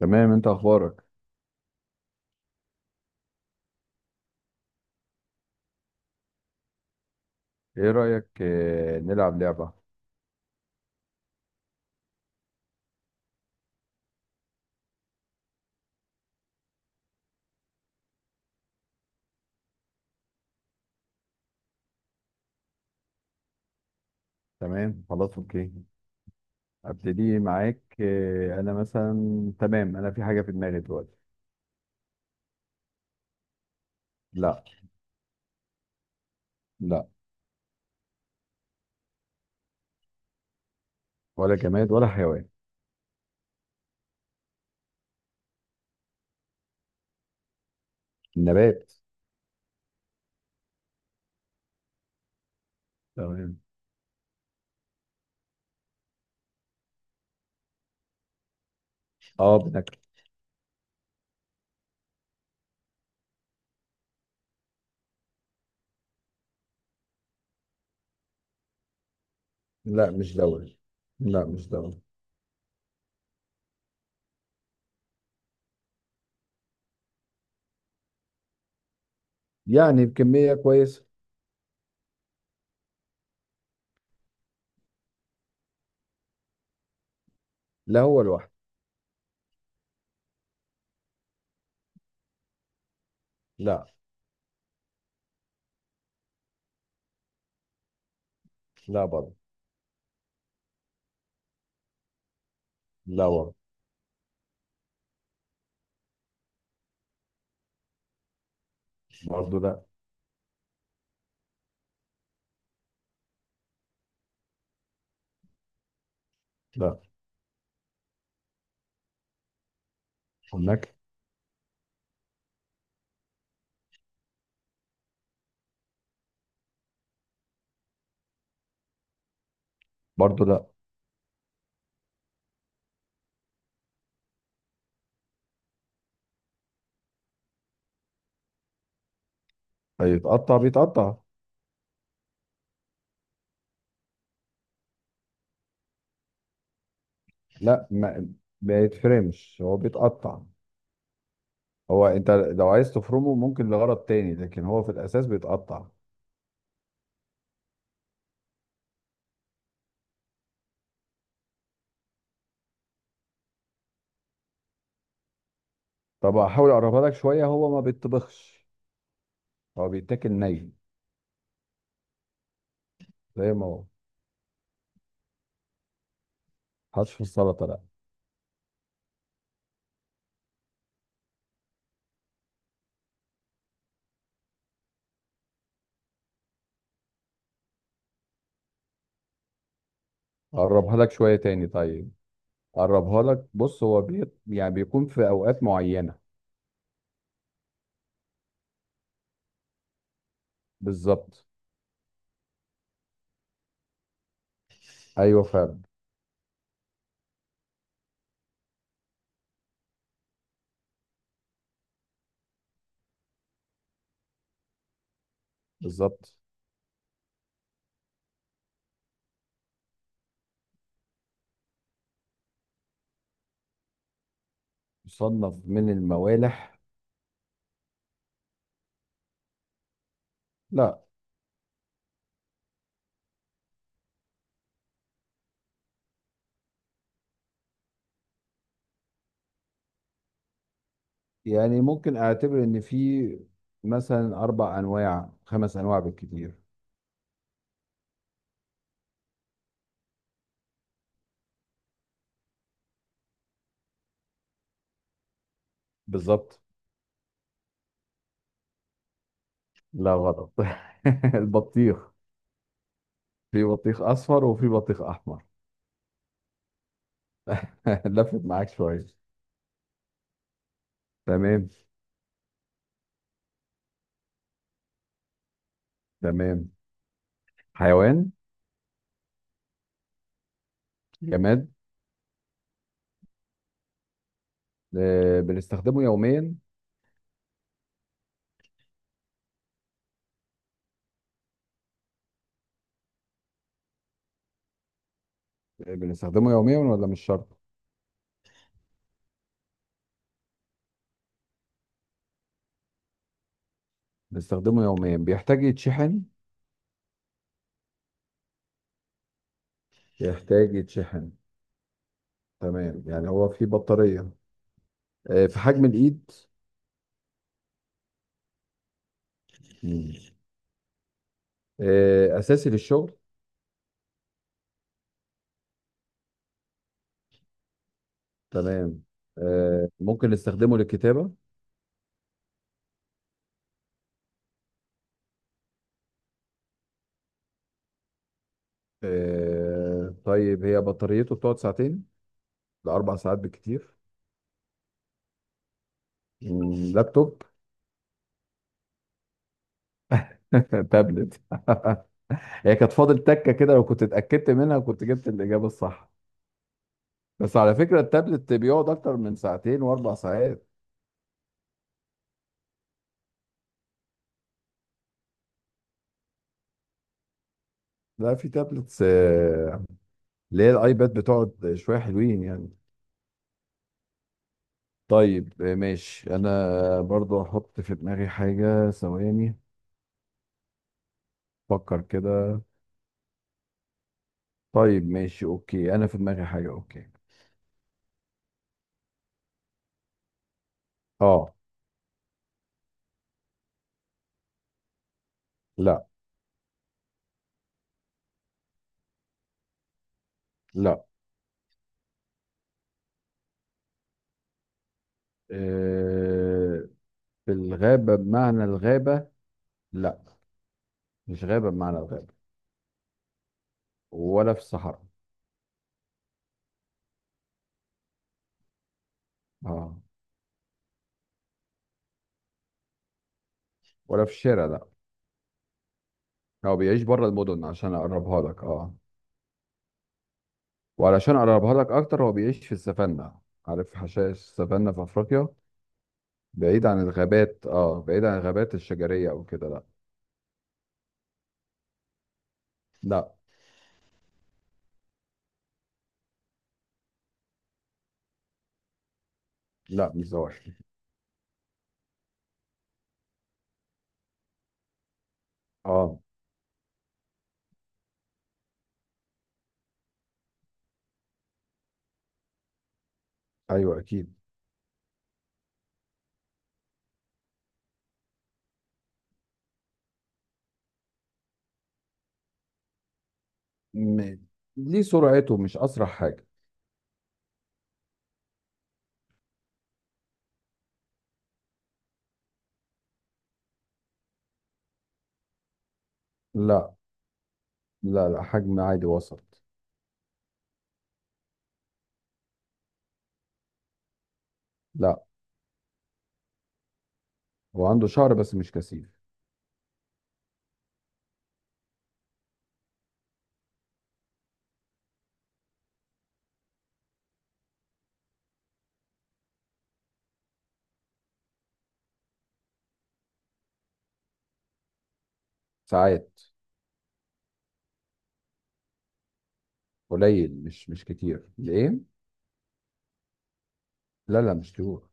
تمام، انت اخبارك؟ ايه رأيك نلعب لعبة؟ تمام، خلاص، اوكي. ابتدي معاك. انا مثلا، تمام، انا في حاجة في دماغي دلوقتي. لا. لا. ولا جماد ولا حيوان. نبات. تمام. اه، بناكل. لا، مش دوري. لا، مش دوري. يعني بكمية كويسة. لا، هو لوحده. لا. لا برضه. لا برضه. برضه لا. لا. هناك. برضه لا. هيتقطع، بيتقطع. لا، ما يتفرمش، هو بيتقطع. هو انت لو عايز تفرمه ممكن لغرض تاني، لكن هو في الاساس بيتقطع. طب احاول اقربها لك شويه، هو ما بيتطبخش. هو بيتاكل ني زي ما هو. حطش في السلطه لا. اقربها لك شويه تاني، طيب. اقربها لك، بص، هو يعني بيكون في اوقات معينه. بالظبط. ايوه فعلا. بالظبط. يصنف من الموالح؟ لا. يعني ممكن اعتبر ان في مثلا اربع انواع، خمس انواع بالكتير. بالظبط. لا، غلط. البطيخ. في بطيخ اصفر وفي بطيخ احمر. لفت معاك شويه. تمام. تمام. حيوان. جماد. بنستخدمه يوميا. بنستخدمه يوميا ولا مش شرط؟ بنستخدمه يوميا، بيحتاج يتشحن. يحتاج يتشحن. تمام، يعني هو في بطارية. في حجم الإيد. مم. أساسي للشغل. تمام. ممكن نستخدمه للكتابة. طيب، هي بطاريته بتقعد ساعتين لأربع ساعات بالكتير. لابتوب. تابلت. هي كانت فاضل تكه كده، لو كنت اتاكدت منها كنت جبت الاجابه الصح. بس على فكره التابلت بيقعد اكتر من ساعتين واربع ساعات. لا، في تابلتس اللي هي الايباد بتقعد شويه حلوين يعني. طيب، ماشي، انا برضو هحط في دماغي حاجه ثواني. فكر كده. طيب ماشي اوكي، انا في دماغي حاجه. اوكي. اه. لا. لا. آه، في الغابه بمعنى الغابه، لا. مش غابه بمعنى الغابه. ولا في الصحراء. اه. ولا في الشارع لا. هو بيعيش بره المدن عشان اقربها لك. اه. وعلشان اقربها لك اكتر، هو بيعيش في السافانا. عارف حشائش السافانا في افريقيا؟ بعيد عن الغابات، اه، بعيد عن الغابات الشجريه او كده، لا. لا. لا، مش زواحف. اه. ايوه اكيد. م... ليه سرعته مش اسرع حاجه. لا. لا، لا، حجم عادي وسط. لا، هو عنده شعر بس مش كثيف. ساعات. قليل، مش كتير ليه. لا. لا، مش طيور.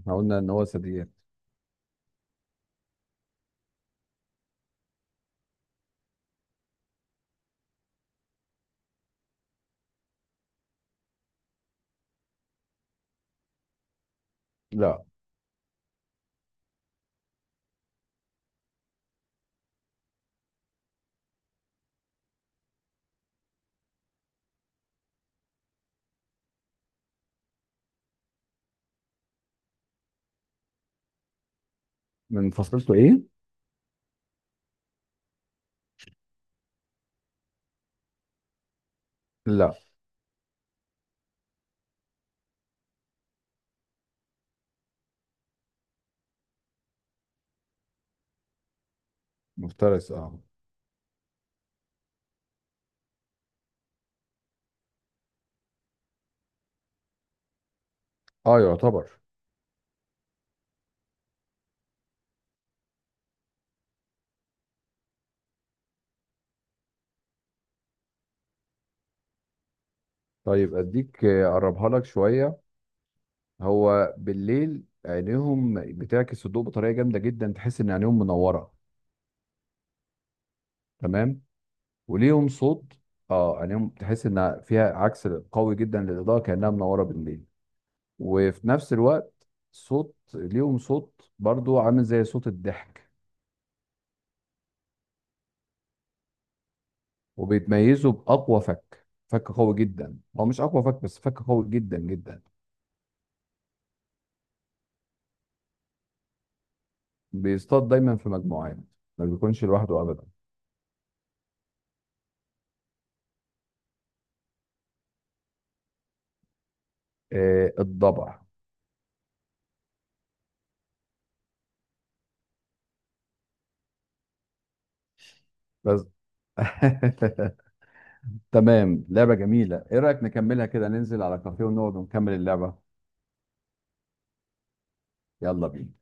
احنا قلنا ان هو ثدييات. لا. من فصيلته ايه؟ لا. مفترس، اه. اه يعتبر. طيب اديك، اقربها لك شويه. هو بالليل عينيهم بتعكس الضوء بطريقه جامده جدا، تحس ان عينيهم منوره. تمام. وليهم صوت. اه، عينيهم تحس ان فيها عكس قوي جدا للاضاءه كانها منوره بالليل. وفي نفس الوقت صوت، ليهم صوت برضو عامل زي صوت الضحك. وبيتميزوا باقوى فك، فك قوي جدا، هو مش اقوى فك بس فك قوي جدا جدا. بيصطاد دايما في مجموعات، ما بيكونش لوحده ابدا. آه الضبع. بس. تمام، لعبة جميلة. ايه رأيك نكملها كده، ننزل على كافيه ونقعد ونكمل اللعبة؟ يلا بينا.